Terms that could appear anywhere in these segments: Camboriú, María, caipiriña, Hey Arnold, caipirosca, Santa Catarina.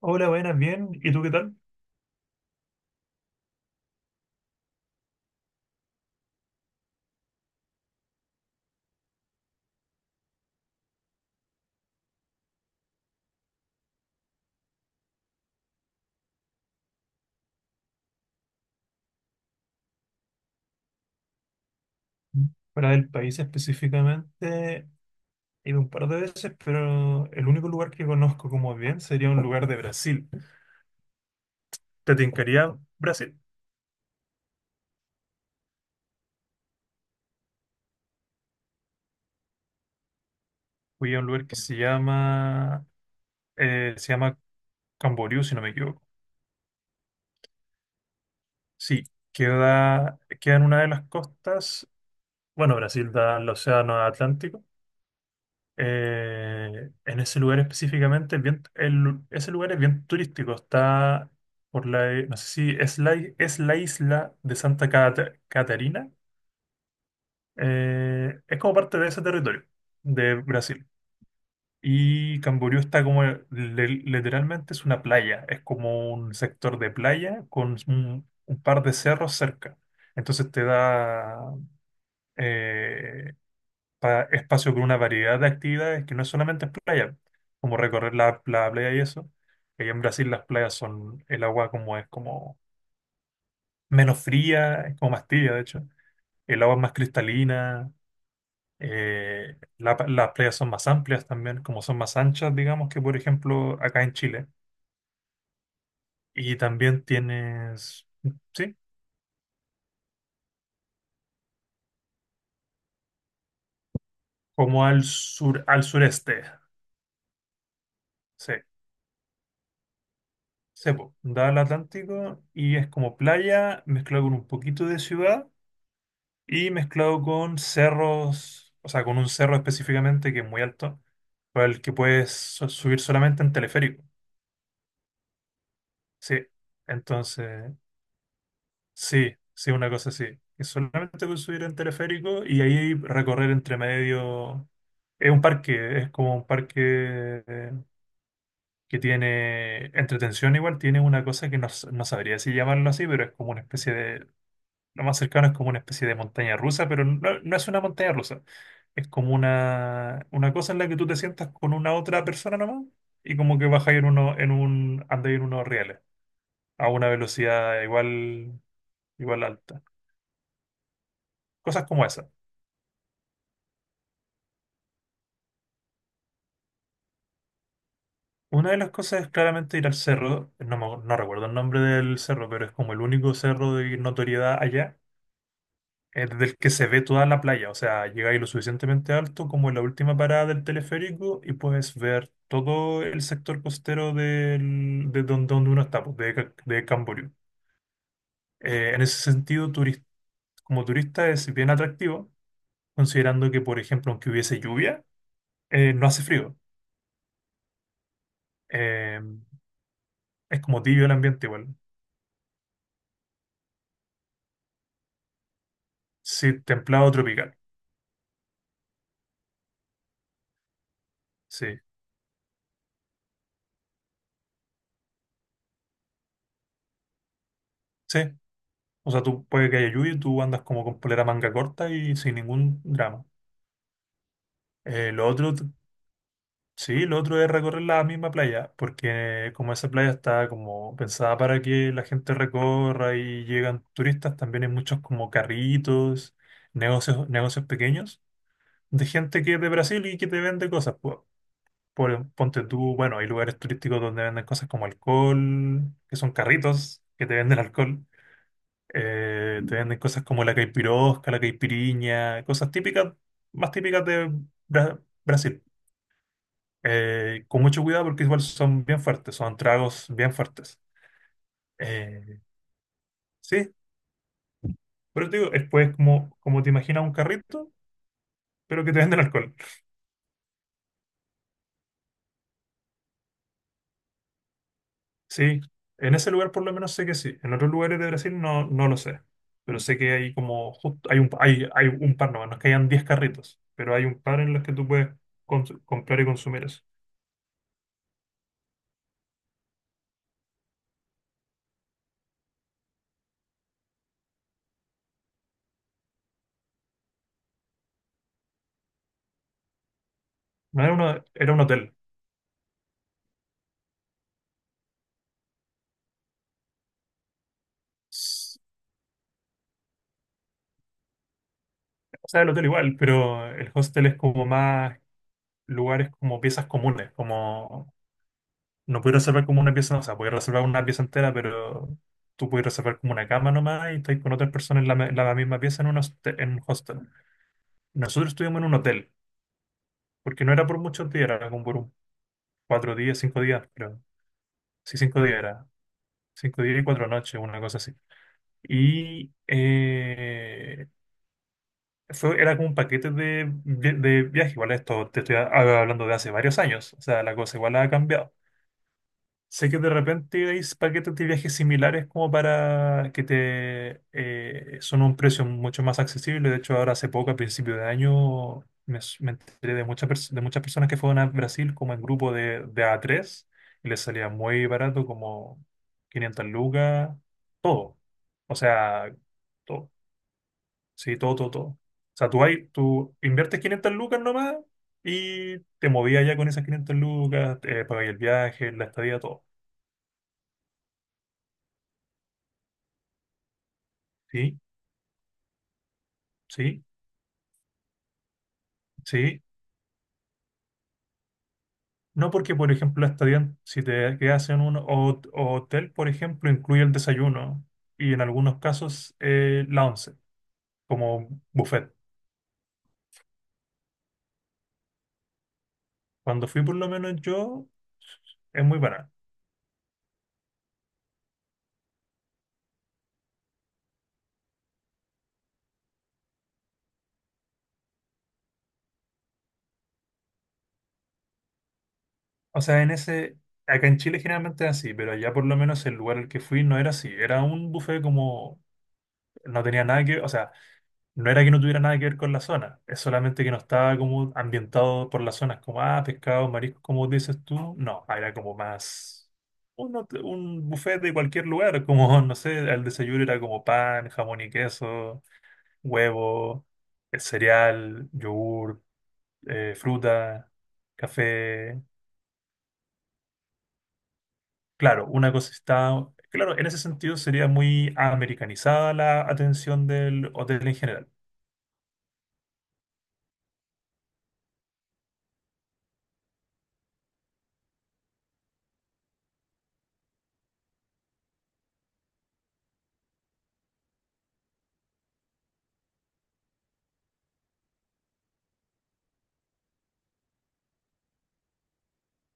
Hola, buenas, bien. ¿Y tú qué tal? Para del país específicamente, he ido un par de veces, pero el único lugar que conozco como bien sería un lugar de Brasil. ¿Te tincaría Brasil? Fui a un lugar que se llama Camboriú, si no me equivoco. Sí, queda en una de las costas. Bueno, Brasil da al océano Atlántico. En ese lugar específicamente, es bien- el lu- ese lugar es bien turístico. Está por la, no sé si es la, es la isla de Santa Catarina. Es como parte de ese territorio de Brasil. Y Camboriú está como, literalmente es una playa. Es como un sector de playa con un par de cerros cerca. Entonces te da, eh, espacio con una variedad de actividades que no es solamente es playa, como recorrer la playa y eso. Allá en Brasil las playas son, el agua como es como menos fría, es como más tibia de hecho, el agua es más cristalina, las playas son más amplias también, como son más anchas, digamos, que por ejemplo acá en Chile. Y también tienes, sí, como al sur, al sureste, sí. Cepo, da al Atlántico y es como playa mezclado con un poquito de ciudad y mezclado con cerros, o sea, con un cerro específicamente que es muy alto, para el que puedes subir solamente en teleférico. Sí, entonces, sí, sí, una cosa así. Que solamente puedes subir en teleférico y ahí recorrer entre medio. Es un parque, es como un parque que tiene entretención igual, tiene una cosa que no, no sabría si llamarlo así, pero es como una especie de... Lo más cercano es como una especie de montaña rusa, pero no, no es una montaña rusa. Es como una cosa en la que tú te sientas con una otra persona nomás y como que bajas en uno, en un, andas en unos rieles a una velocidad igual, igual alta. Cosas como esa. Una de las cosas es claramente ir al cerro, no, no recuerdo el nombre del cerro, pero es como el único cerro de notoriedad allá, desde el que se ve toda la playa, o sea, llegáis lo suficientemente alto como en la última parada del teleférico y puedes ver todo el sector costero donde uno está, pues, de Camboriú. En ese sentido, como turista es bien atractivo, considerando que, por ejemplo, aunque hubiese lluvia, no hace frío. Eh, es como tibio el ambiente igual. Sí, templado tropical. Sí, sí. O sea, tú puede que haya lluvia y tú andas como con polera manga corta y sin ningún drama. Lo otro... Sí, lo otro es recorrer la misma playa, porque como esa playa está como pensada para que la gente recorra y llegan turistas, también hay muchos como carritos, negocios, negocios pequeños de gente que es de Brasil y que te vende cosas. Ponte tú, bueno, hay lugares turísticos donde venden cosas como alcohol, que son carritos que te venden alcohol. Te venden cosas como la caipirosca, la caipiriña, cosas típicas, más típicas de Brasil. Con mucho cuidado porque igual son bien fuertes, son tragos bien fuertes. Eh, sí, pero te digo, es pues como, como te imaginas un carrito, pero que te venden alcohol. Sí, en ese lugar por lo menos sé que sí. En otros lugares de Brasil no, no lo sé. Pero sé que hay como, justo, hay un par, no, no es que hayan 10 carritos, pero hay un par en los que tú puedes comprar y consumir eso. No era, uno, era un hotel. S- O sea, el hotel igual, pero el hostel es como más lugares como piezas comunes, como... No puedes reservar como una pieza, o sea, puedes reservar una pieza entera, pero tú puedes reservar como una cama nomás y estás con otras personas en la misma pieza en un hostel. Nosotros estuvimos en un hotel, porque no era por muchos días, era como por un 4 días, 5 días, pero sí, 5 días era. 5 días y 4 noches, una cosa así. Y era como un paquete de viaje, igual esto te estoy hablando de hace varios años, o sea, la cosa igual ha cambiado. Sé que de repente hay paquetes de viajes similares como para que te son un precio mucho más accesible. De hecho, ahora hace poco, a principio de año, me enteré de muchas personas que fueron a Brasil como en grupo de a tres y les salía muy barato, como 500 lucas, todo. O sea, todo. Sí, todo, todo, todo. O sea, tú inviertes 500 lucas nomás y te movías ya con esas 500 lucas, pagáis el viaje, la estadía, todo. ¿Sí? Sí, sí. No porque, por ejemplo, hasta bien, si te quedas en un hotel, por ejemplo, incluye el desayuno y en algunos casos la once, como buffet. Cuando fui, por lo menos yo, es muy barato. O sea, acá en Chile generalmente es así, pero allá por lo menos el lugar al que fui no era así. Era un buffet como, no tenía nada que, o sea, no era que no tuviera nada que ver con la zona, es solamente que no estaba como ambientado por las zonas como, ah, pescados, mariscos, como dices tú. No, era como más un buffet de cualquier lugar, como, no sé, el desayuno era como pan, jamón y queso, huevo, cereal, yogur, fruta, café. Claro, una cosa está... Claro, en ese sentido sería muy americanizada la atención del hotel en general.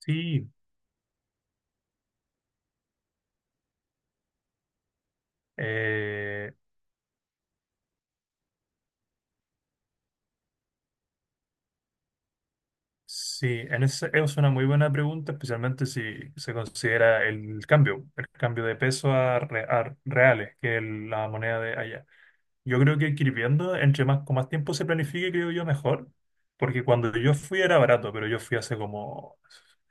Sí. eh, Sí, es una muy buena pregunta, especialmente si se considera el cambio de peso a reales, que es la moneda de allá. Yo creo que ir viendo, entre más, con más tiempo se planifique, creo yo, mejor, porque cuando yo fui era barato, pero yo fui hace como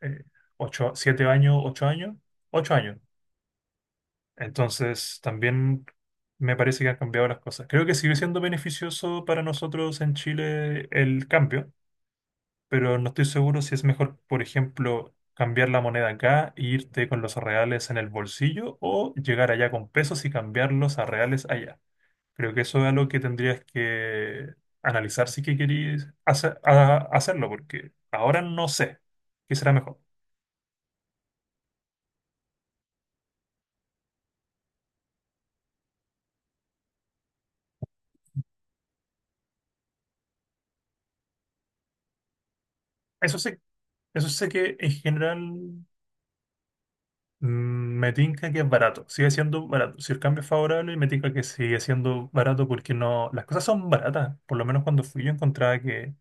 eh, 8, 7 años, 8 años, 8 años. Entonces, también me parece que han cambiado las cosas. Creo que sigue siendo beneficioso para nosotros en Chile el cambio, pero no estoy seguro si es mejor, por ejemplo, cambiar la moneda acá e irte con los reales en el bolsillo o llegar allá con pesos y cambiarlos a reales allá. Creo que eso es algo que tendrías que analizar si que queréis hacerlo, porque ahora no sé qué será mejor. Eso sé, eso sé que en general me tinca que es barato, sigue siendo barato. Si el cambio es favorable, me tinca que sigue siendo barato porque no, las cosas son baratas. Por lo menos cuando fui yo encontraba que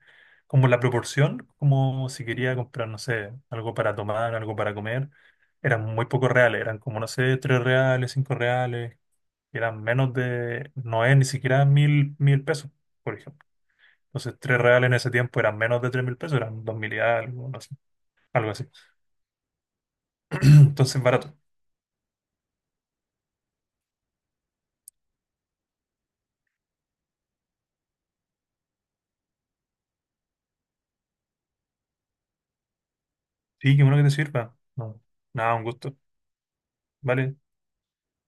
como la proporción, como si quería comprar, no sé, algo para tomar, algo para comer, eran muy pocos reales, eran como, no sé, 3 reales, 5 reales, eran menos de, no es ni siquiera mil pesos, por ejemplo. Entonces, 3 reales en ese tiempo eran menos de 3.000 pesos, eran 2.000 y algo, no sé, algo así. Entonces, barato. Sí, qué bueno que te sirva. No, nada, un gusto. Vale,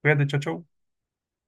cuídate, chao, chao.